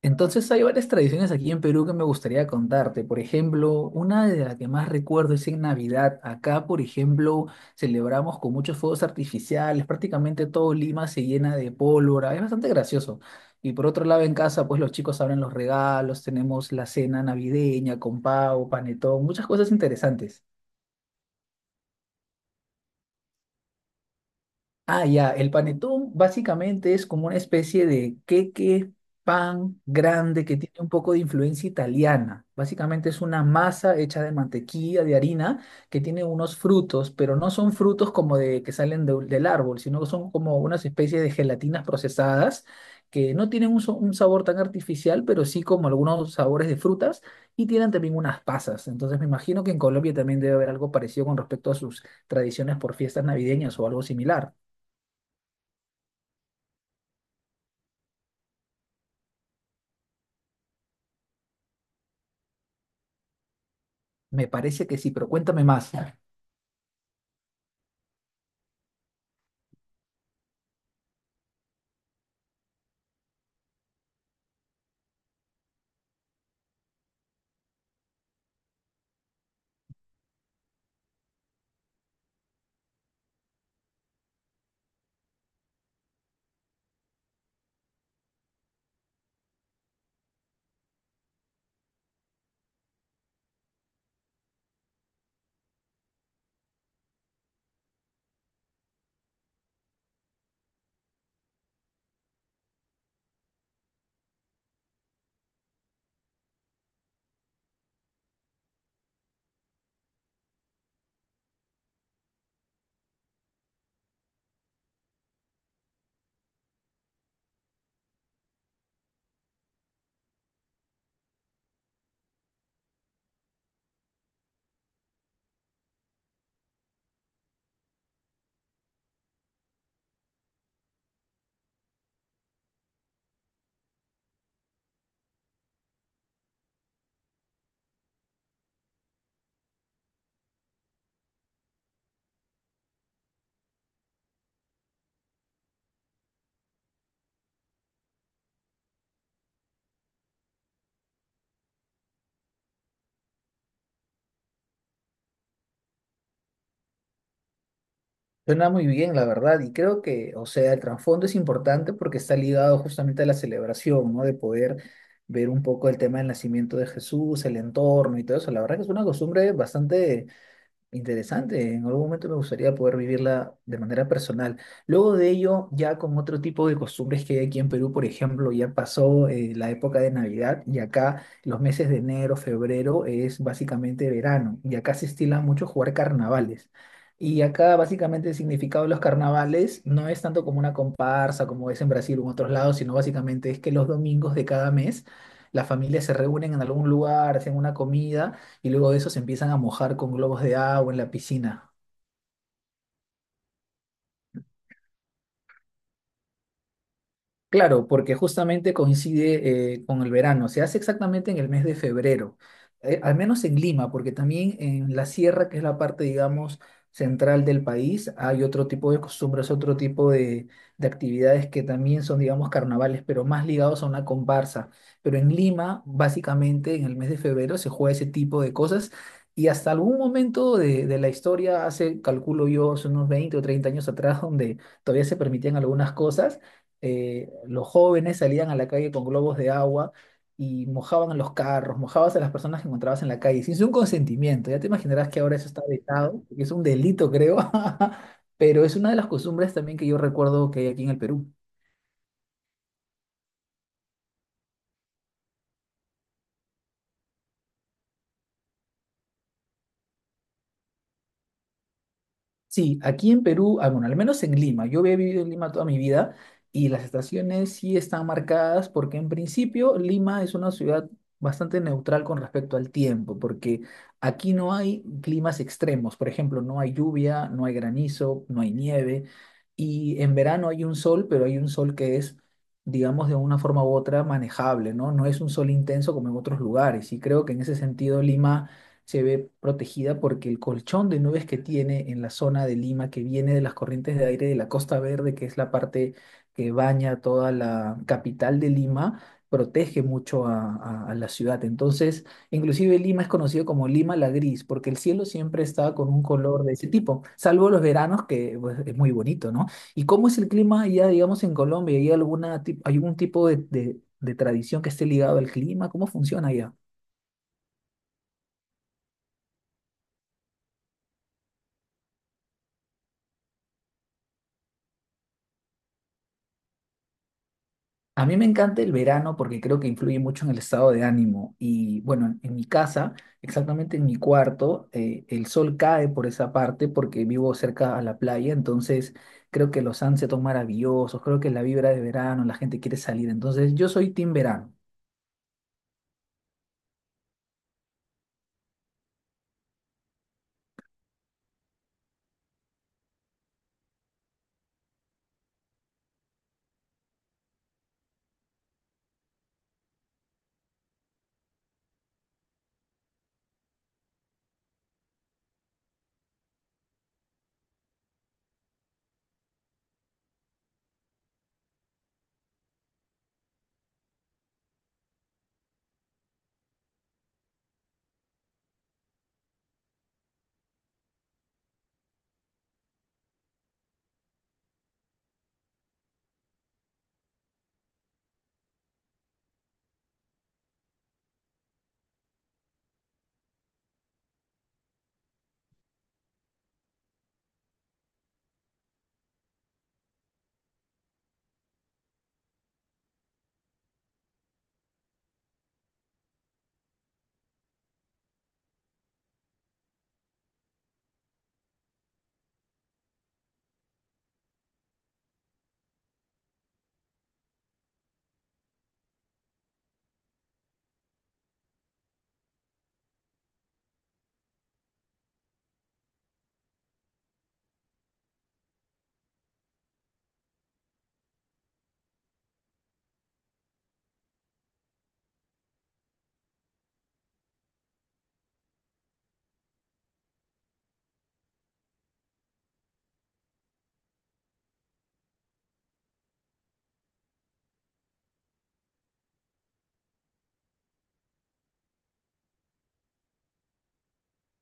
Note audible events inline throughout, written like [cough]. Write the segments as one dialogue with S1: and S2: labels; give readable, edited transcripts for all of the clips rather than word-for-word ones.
S1: Entonces hay varias tradiciones aquí en Perú que me gustaría contarte. Por ejemplo, una de las que más recuerdo es en Navidad. Acá, por ejemplo, celebramos con muchos fuegos artificiales. Prácticamente todo Lima se llena de pólvora. Es bastante gracioso. Y por otro lado, en casa, pues los chicos abren los regalos. Tenemos la cena navideña con pavo, panetón, muchas cosas interesantes. Ah, ya, el panetón básicamente es como una especie de queque, pan grande que tiene un poco de influencia italiana. Básicamente es una masa hecha de mantequilla, de harina, que tiene unos frutos, pero no son frutos como de que salen del árbol, sino que son como unas especies de gelatinas procesadas que no tienen un sabor tan artificial, pero sí como algunos sabores de frutas y tienen también unas pasas. Entonces me imagino que en Colombia también debe haber algo parecido con respecto a sus tradiciones por fiestas navideñas o algo similar. Me parece que sí, pero cuéntame más. Suena muy bien, la verdad, y creo que, o sea, el trasfondo es importante porque está ligado justamente a la celebración, ¿no? De poder ver un poco el tema del nacimiento de Jesús, el entorno y todo eso. La verdad que es una costumbre bastante interesante, en algún momento me gustaría poder vivirla de manera personal. Luego de ello, ya con otro tipo de costumbres que hay aquí en Perú, por ejemplo, ya pasó la época de Navidad y acá los meses de enero, febrero es básicamente verano y acá se estila mucho jugar carnavales. Y acá básicamente el significado de los carnavales no es tanto como una comparsa como es en Brasil o en otros lados, sino básicamente es que los domingos de cada mes las familias se reúnen en algún lugar, hacen una comida y luego de eso se empiezan a mojar con globos de agua en la piscina. Claro, porque justamente coincide con el verano, se hace exactamente en el mes de febrero, al menos en Lima, porque también en la sierra, que es la parte, digamos, central del país, hay otro tipo de costumbres, otro tipo de actividades que también son, digamos, carnavales, pero más ligados a una comparsa. Pero en Lima, básicamente, en el mes de febrero se juega ese tipo de cosas y hasta algún momento de la historia, hace, calculo yo, hace unos 20 o 30 años atrás, donde todavía se permitían algunas cosas, los jóvenes salían a la calle con globos de agua y mojaban los carros, mojabas a las personas que encontrabas en la calle, sin su consentimiento. Ya te imaginarás que ahora eso está vetado, que es un delito, creo, [laughs] pero es una de las costumbres también que yo recuerdo que hay aquí en el Perú. Sí, aquí en Perú, ah, bueno, al menos en Lima, yo he vivido en Lima toda mi vida y las estaciones sí están marcadas porque en principio Lima es una ciudad bastante neutral con respecto al tiempo, porque aquí no hay climas extremos, por ejemplo, no hay lluvia, no hay granizo, no hay nieve y en verano hay un sol, pero hay un sol que es, digamos, de una forma u otra manejable, ¿no? No es un sol intenso como en otros lugares y creo que en ese sentido Lima se ve protegida porque el colchón de nubes que tiene en la zona de Lima, que viene de las corrientes de aire de la Costa Verde, que es la parte que baña toda la capital de Lima, protege mucho a la ciudad. Entonces, inclusive Lima es conocido como Lima la Gris, porque el cielo siempre está con un color de ese tipo, salvo los veranos, que pues, es muy bonito, ¿no? ¿Y cómo es el clima allá, digamos, en Colombia? ¿Hay algún tipo de tradición que esté ligado al clima? ¿Cómo funciona allá? A mí me encanta el verano porque creo que influye mucho en el estado de ánimo. Y bueno, en mi casa, exactamente en mi cuarto, el sol cae por esa parte porque vivo cerca a la playa, entonces creo que los sunsets son maravillosos, creo que la vibra de verano, la gente quiere salir, entonces yo soy team verano.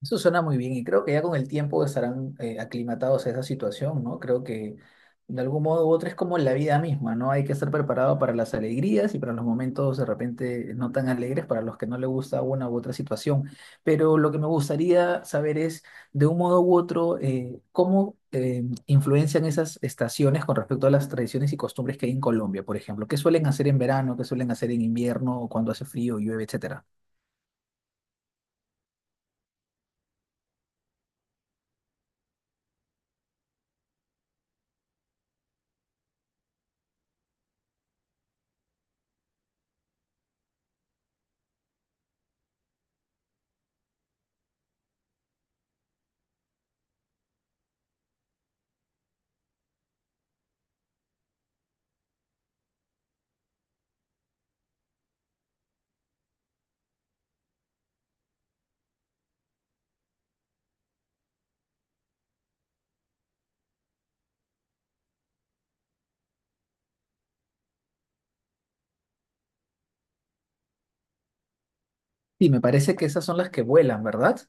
S1: Eso suena muy bien y creo que ya con el tiempo estarán aclimatados a esa situación, ¿no? Creo que de algún modo u otro es como la vida misma, ¿no? Hay que estar preparado para las alegrías y para los momentos de repente no tan alegres para los que no le gusta una u otra situación. Pero lo que me gustaría saber es, de un modo u otro, cómo influencian esas estaciones con respecto a las tradiciones y costumbres que hay en Colombia, por ejemplo. ¿Qué suelen hacer en verano? ¿Qué suelen hacer en invierno, cuando hace frío, llueve, etcétera? Sí, me parece que esas son las que vuelan, ¿verdad?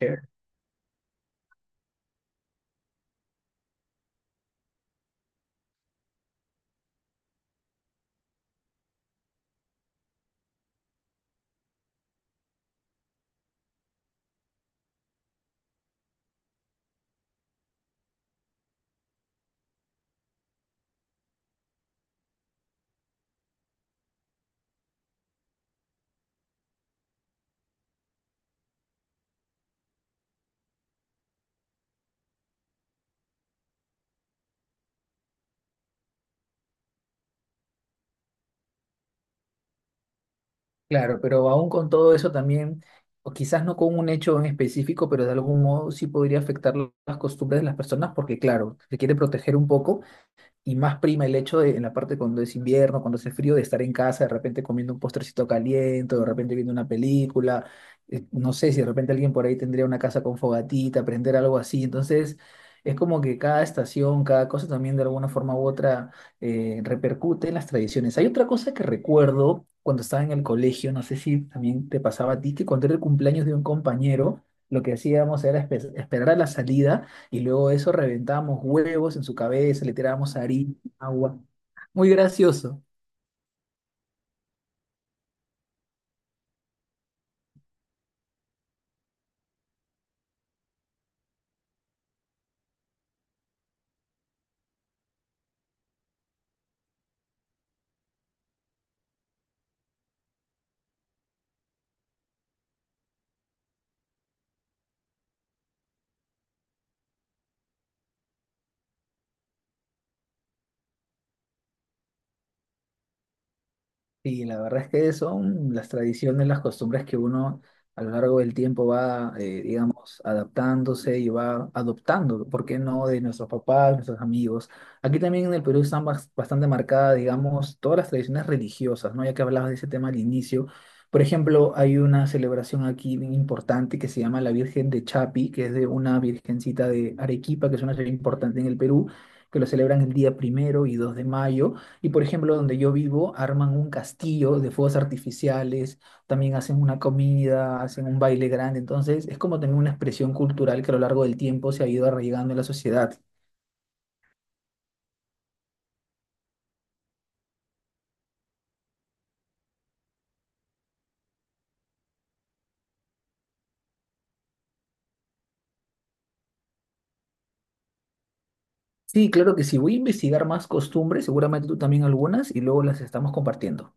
S1: Eh, Claro, pero aún con todo eso también, o quizás no con un hecho en específico, pero de algún modo sí podría afectar las costumbres de las personas, porque claro, se quiere proteger un poco, y más prima el hecho de, en la parte cuando es invierno, cuando hace frío, de estar en casa, de repente comiendo un postrecito caliente, o de repente viendo una película. No sé si de repente alguien por ahí tendría una casa con fogatita, prender algo así. Entonces, es como que cada estación, cada cosa también de alguna forma u otra repercute en las tradiciones. Hay otra cosa que recuerdo cuando estaba en el colegio, no sé si también te pasaba a ti, que cuando era el cumpleaños de un compañero, lo que hacíamos era esperar a la salida y luego de eso reventábamos huevos en su cabeza, le tirábamos harina, agua. Muy gracioso. Y la verdad es que son las tradiciones, las costumbres que uno a lo largo del tiempo va, digamos, adaptándose y va adoptando, ¿por qué no? De nuestros papás, nuestros amigos. Aquí también en el Perú están bastante marcadas, digamos, todas las tradiciones religiosas, ¿no? Ya que hablabas de ese tema al inicio. Por ejemplo, hay una celebración aquí bien importante que se llama la Virgen de Chapi, que es de una virgencita de Arequipa, que es una ciudad importante en el Perú, que lo celebran el día primero y 2 de mayo. Y por ejemplo, donde yo vivo, arman un castillo de fuegos artificiales, también hacen una comida, hacen un baile grande. Entonces, es como también una expresión cultural que a lo largo del tiempo se ha ido arraigando en la sociedad. Sí, claro que sí. Voy a investigar más costumbres, seguramente tú también algunas, y luego las estamos compartiendo.